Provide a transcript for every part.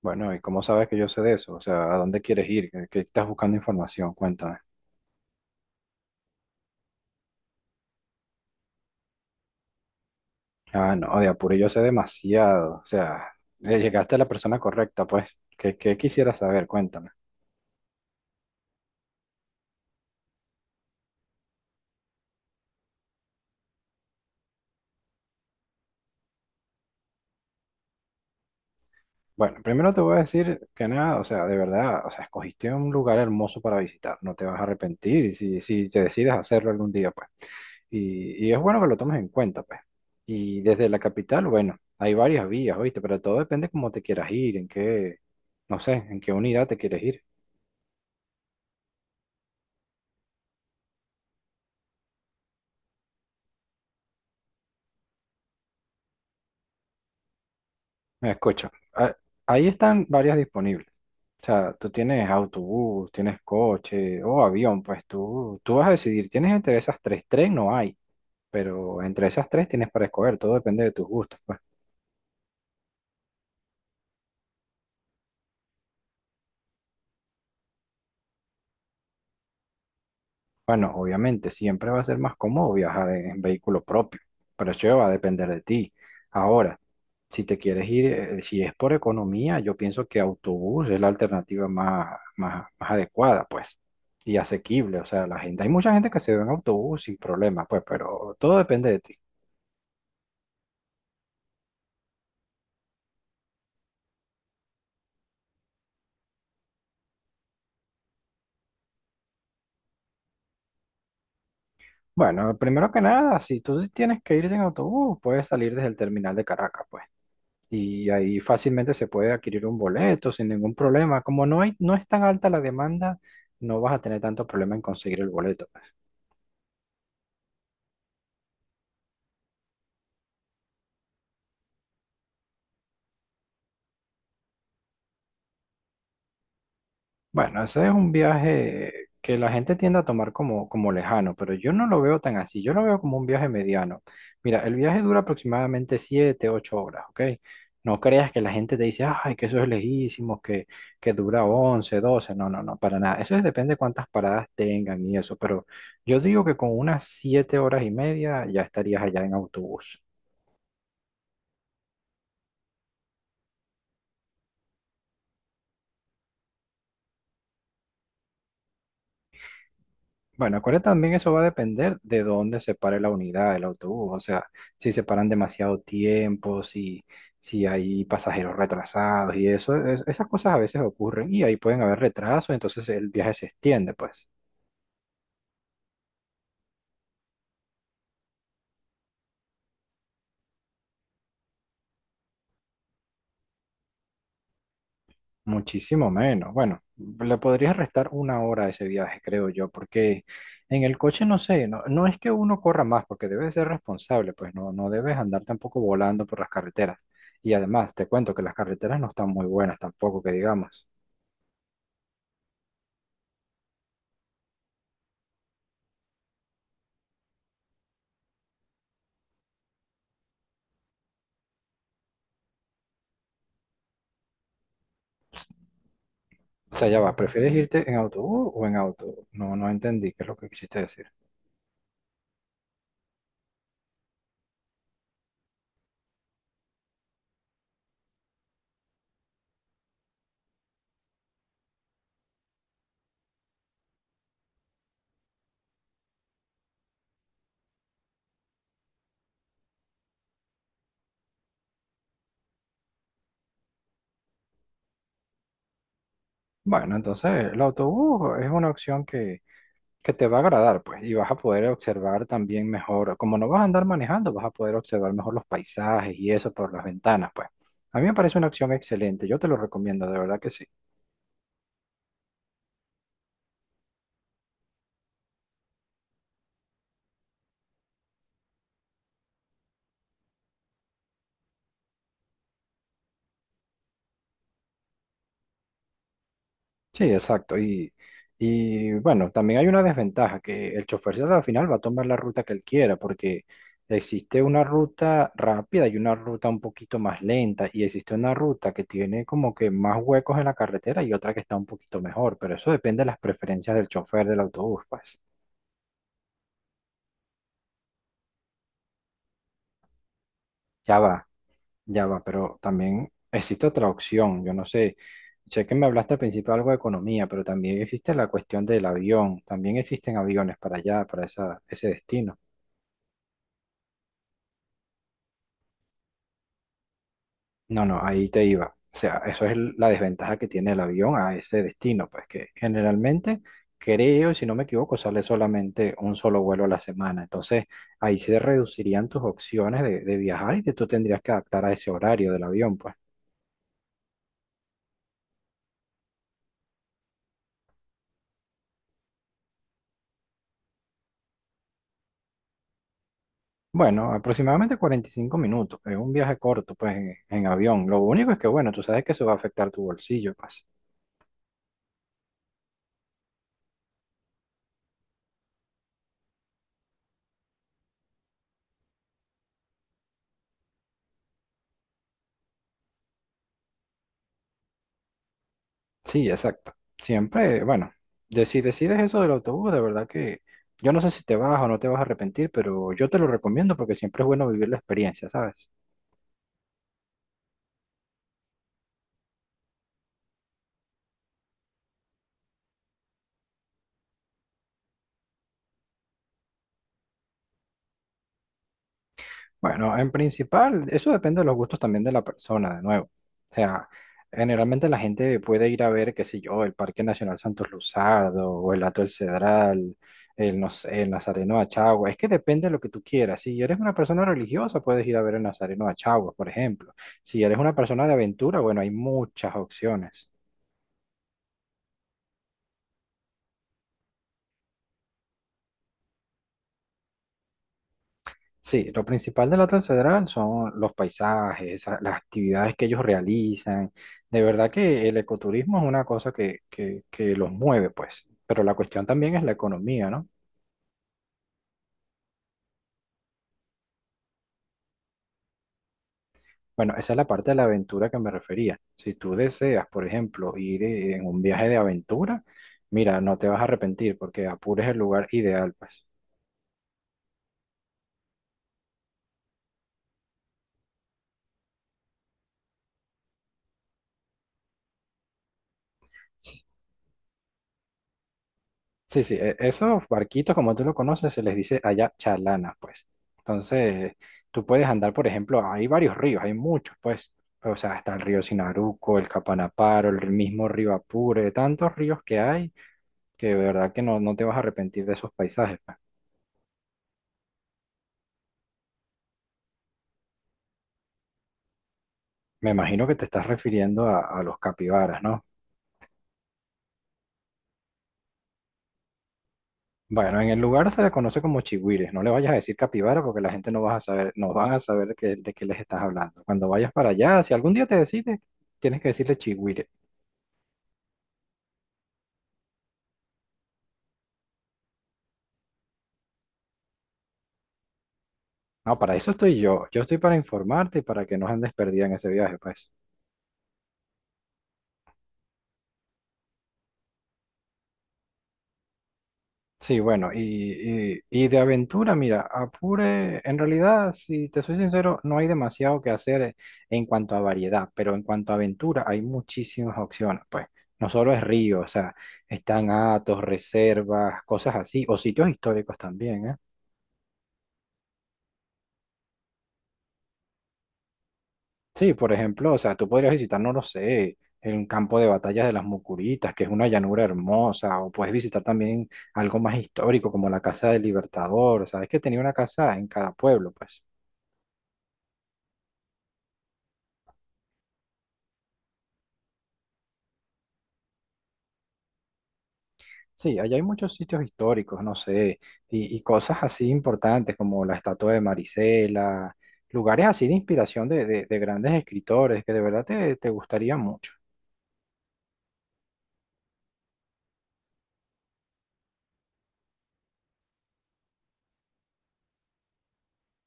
Bueno, ¿y cómo sabes que yo sé de eso? O sea, ¿a dónde quieres ir? ¿Qué estás buscando información? Cuéntame. Ah, no, de Apure yo sé demasiado. O sea, llegaste a la persona correcta, pues. ¿Qué quisieras saber? Cuéntame. Bueno, primero te voy a decir que nada, o sea, de verdad, o sea, escogiste un lugar hermoso para visitar. No te vas a arrepentir y si te decides hacerlo algún día, pues. Y es bueno que lo tomes en cuenta, pues. Y desde la capital, bueno, hay varias vías, ¿oíste? Pero todo depende cómo te quieras ir, en qué, no sé, en qué unidad te quieres ir. Me Escucha, ah ahí están varias disponibles. O sea, tú tienes autobús, tienes coche o avión, pues tú vas a decidir. Tienes entre esas tres, tres no hay, pero entre esas tres tienes para escoger, todo depende de tus gustos, pues. Bueno, obviamente, siempre va a ser más cómodo viajar en vehículo propio, pero eso va a depender de ti. Ahora, si te quieres ir, si es por economía, yo pienso que autobús es la alternativa más adecuada, pues, y asequible. O sea, la gente, hay mucha gente que se va en autobús sin problema, pues, pero todo depende de ti. Bueno, primero que nada, si tú tienes que ir en autobús, puedes salir desde el terminal de Caracas, pues. Y ahí fácilmente se puede adquirir un boleto sin ningún problema. Como no es tan alta la demanda, no vas a tener tanto problema en conseguir el boleto. Bueno, ese es un viaje que la gente tiende a tomar como lejano, pero yo no lo veo tan así, yo lo veo como un viaje mediano. Mira, el viaje dura aproximadamente 7 8 horas, ¿ok? No creas que la gente te dice, ay, que eso es lejísimo, que dura 11 12, no, no, no, para nada. Depende de cuántas paradas tengan y eso, pero yo digo que con unas 7 horas y media ya estarías allá en autobús. Bueno, acuérdate también eso va a depender de dónde se pare la unidad, el autobús. O sea, si se paran demasiado tiempo, si hay pasajeros retrasados y eso, esas cosas a veces ocurren y ahí pueden haber retrasos, entonces el viaje se extiende, pues, muchísimo menos. Bueno, le podrías restar 1 hora a ese viaje, creo yo, porque en el coche no sé, no es que uno corra más, porque debes ser responsable, pues no, no debes andar tampoco volando por las carreteras. Y además, te cuento que las carreteras no están muy buenas tampoco, que digamos. O sea, ya va, ¿prefieres irte en autobús o en auto? No, no entendí qué es lo que quisiste decir. Bueno, entonces el autobús es una opción que te va a agradar, pues, y vas a poder observar también mejor, como no vas a andar manejando, vas a poder observar mejor los paisajes y eso por las ventanas, pues. A mí me parece una opción excelente, yo te lo recomiendo, de verdad que sí. Sí, exacto. Y bueno, también hay una desventaja, que el chofer al final va a tomar la ruta que él quiera, porque existe una ruta rápida y una ruta un poquito más lenta, y existe una ruta que tiene como que más huecos en la carretera y otra que está un poquito mejor, pero eso depende de las preferencias del chofer del autobús, pues. Ya va, ya va, pero también existe otra opción, yo no sé. Sé que me hablaste al principio algo de economía, pero también existe la cuestión del avión. También existen aviones para allá, para ese destino. No, no, ahí te iba. O sea, eso es la desventaja que tiene el avión a ese destino, pues que generalmente creo, si no me equivoco, sale solamente un solo vuelo a la semana. Entonces, ahí se reducirían tus opciones de viajar y que tú tendrías que adaptar a ese horario del avión, pues. Bueno, aproximadamente 45 minutos. Es un viaje corto, pues, en avión. Lo único es que, bueno, tú sabes que eso va a afectar tu bolsillo, pues. Sí, exacto. Siempre, bueno, si decides eso del autobús, de verdad que yo no sé si te vas o no te vas a arrepentir, pero yo te lo recomiendo porque siempre es bueno vivir la experiencia, ¿sabes? Bueno, en principal, eso depende de los gustos también de la persona, de nuevo. O sea, generalmente la gente puede ir a ver, qué sé yo, el Parque Nacional Santos Luzardo, o el Hato del Cedral, el, no sé, el Nazareno de Achagua. Es que depende de lo que tú quieras. Si eres una persona religiosa, puedes ir a ver el Nazareno de Achagua, por ejemplo. Si eres una persona de aventura, bueno, hay muchas opciones. Sí, lo principal de la Transfederal son los paisajes, las actividades que ellos realizan. De verdad que el ecoturismo es una cosa que los mueve, pues. Pero la cuestión también es la economía, ¿no? Bueno, esa es la parte de la aventura que me refería. Si tú deseas, por ejemplo, ir en un viaje de aventura, mira, no te vas a arrepentir porque Apure es el lugar ideal, pues. Sí, sí, esos barquitos, como tú lo conoces, se les dice allá chalanas, pues. Entonces, tú puedes andar, por ejemplo, hay varios ríos, hay muchos, pues. O sea, está el río Sinaruco, el Capanaparo, el mismo río Apure, tantos ríos que hay que de verdad que no, no te vas a arrepentir de esos paisajes, pues. Me imagino que te estás refiriendo a los capibaras, ¿no? Bueno, en el lugar se le conoce como chigüires. No le vayas a decir capibara porque la gente no vas a saber, no van a saber de qué les estás hablando. Cuando vayas para allá, si algún día te decides, tienes que decirle chigüire. No, para eso estoy yo. Yo estoy para informarte y para que no andes perdida en ese viaje, pues. Sí, bueno, y de aventura, mira, Apure, en realidad, si te soy sincero, no hay demasiado que hacer en cuanto a variedad, pero en cuanto a aventura hay muchísimas opciones, pues. No solo es río, o sea, están atos, reservas, cosas así, o sitios históricos también, ¿eh? Sí, por ejemplo, o sea, tú podrías visitar, no lo sé, el campo de batallas de las Mucuritas, que es una llanura hermosa, o puedes visitar también algo más histórico como la Casa del Libertador, sabes que tenía una casa en cada pueblo, pues. Sí, allá hay muchos sitios históricos, no sé, y cosas así importantes como la estatua de Marisela, lugares así de inspiración de grandes escritores que de verdad te gustaría mucho.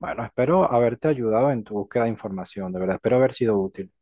Bueno, espero haberte ayudado en tu búsqueda de información, de verdad, espero haber sido útil.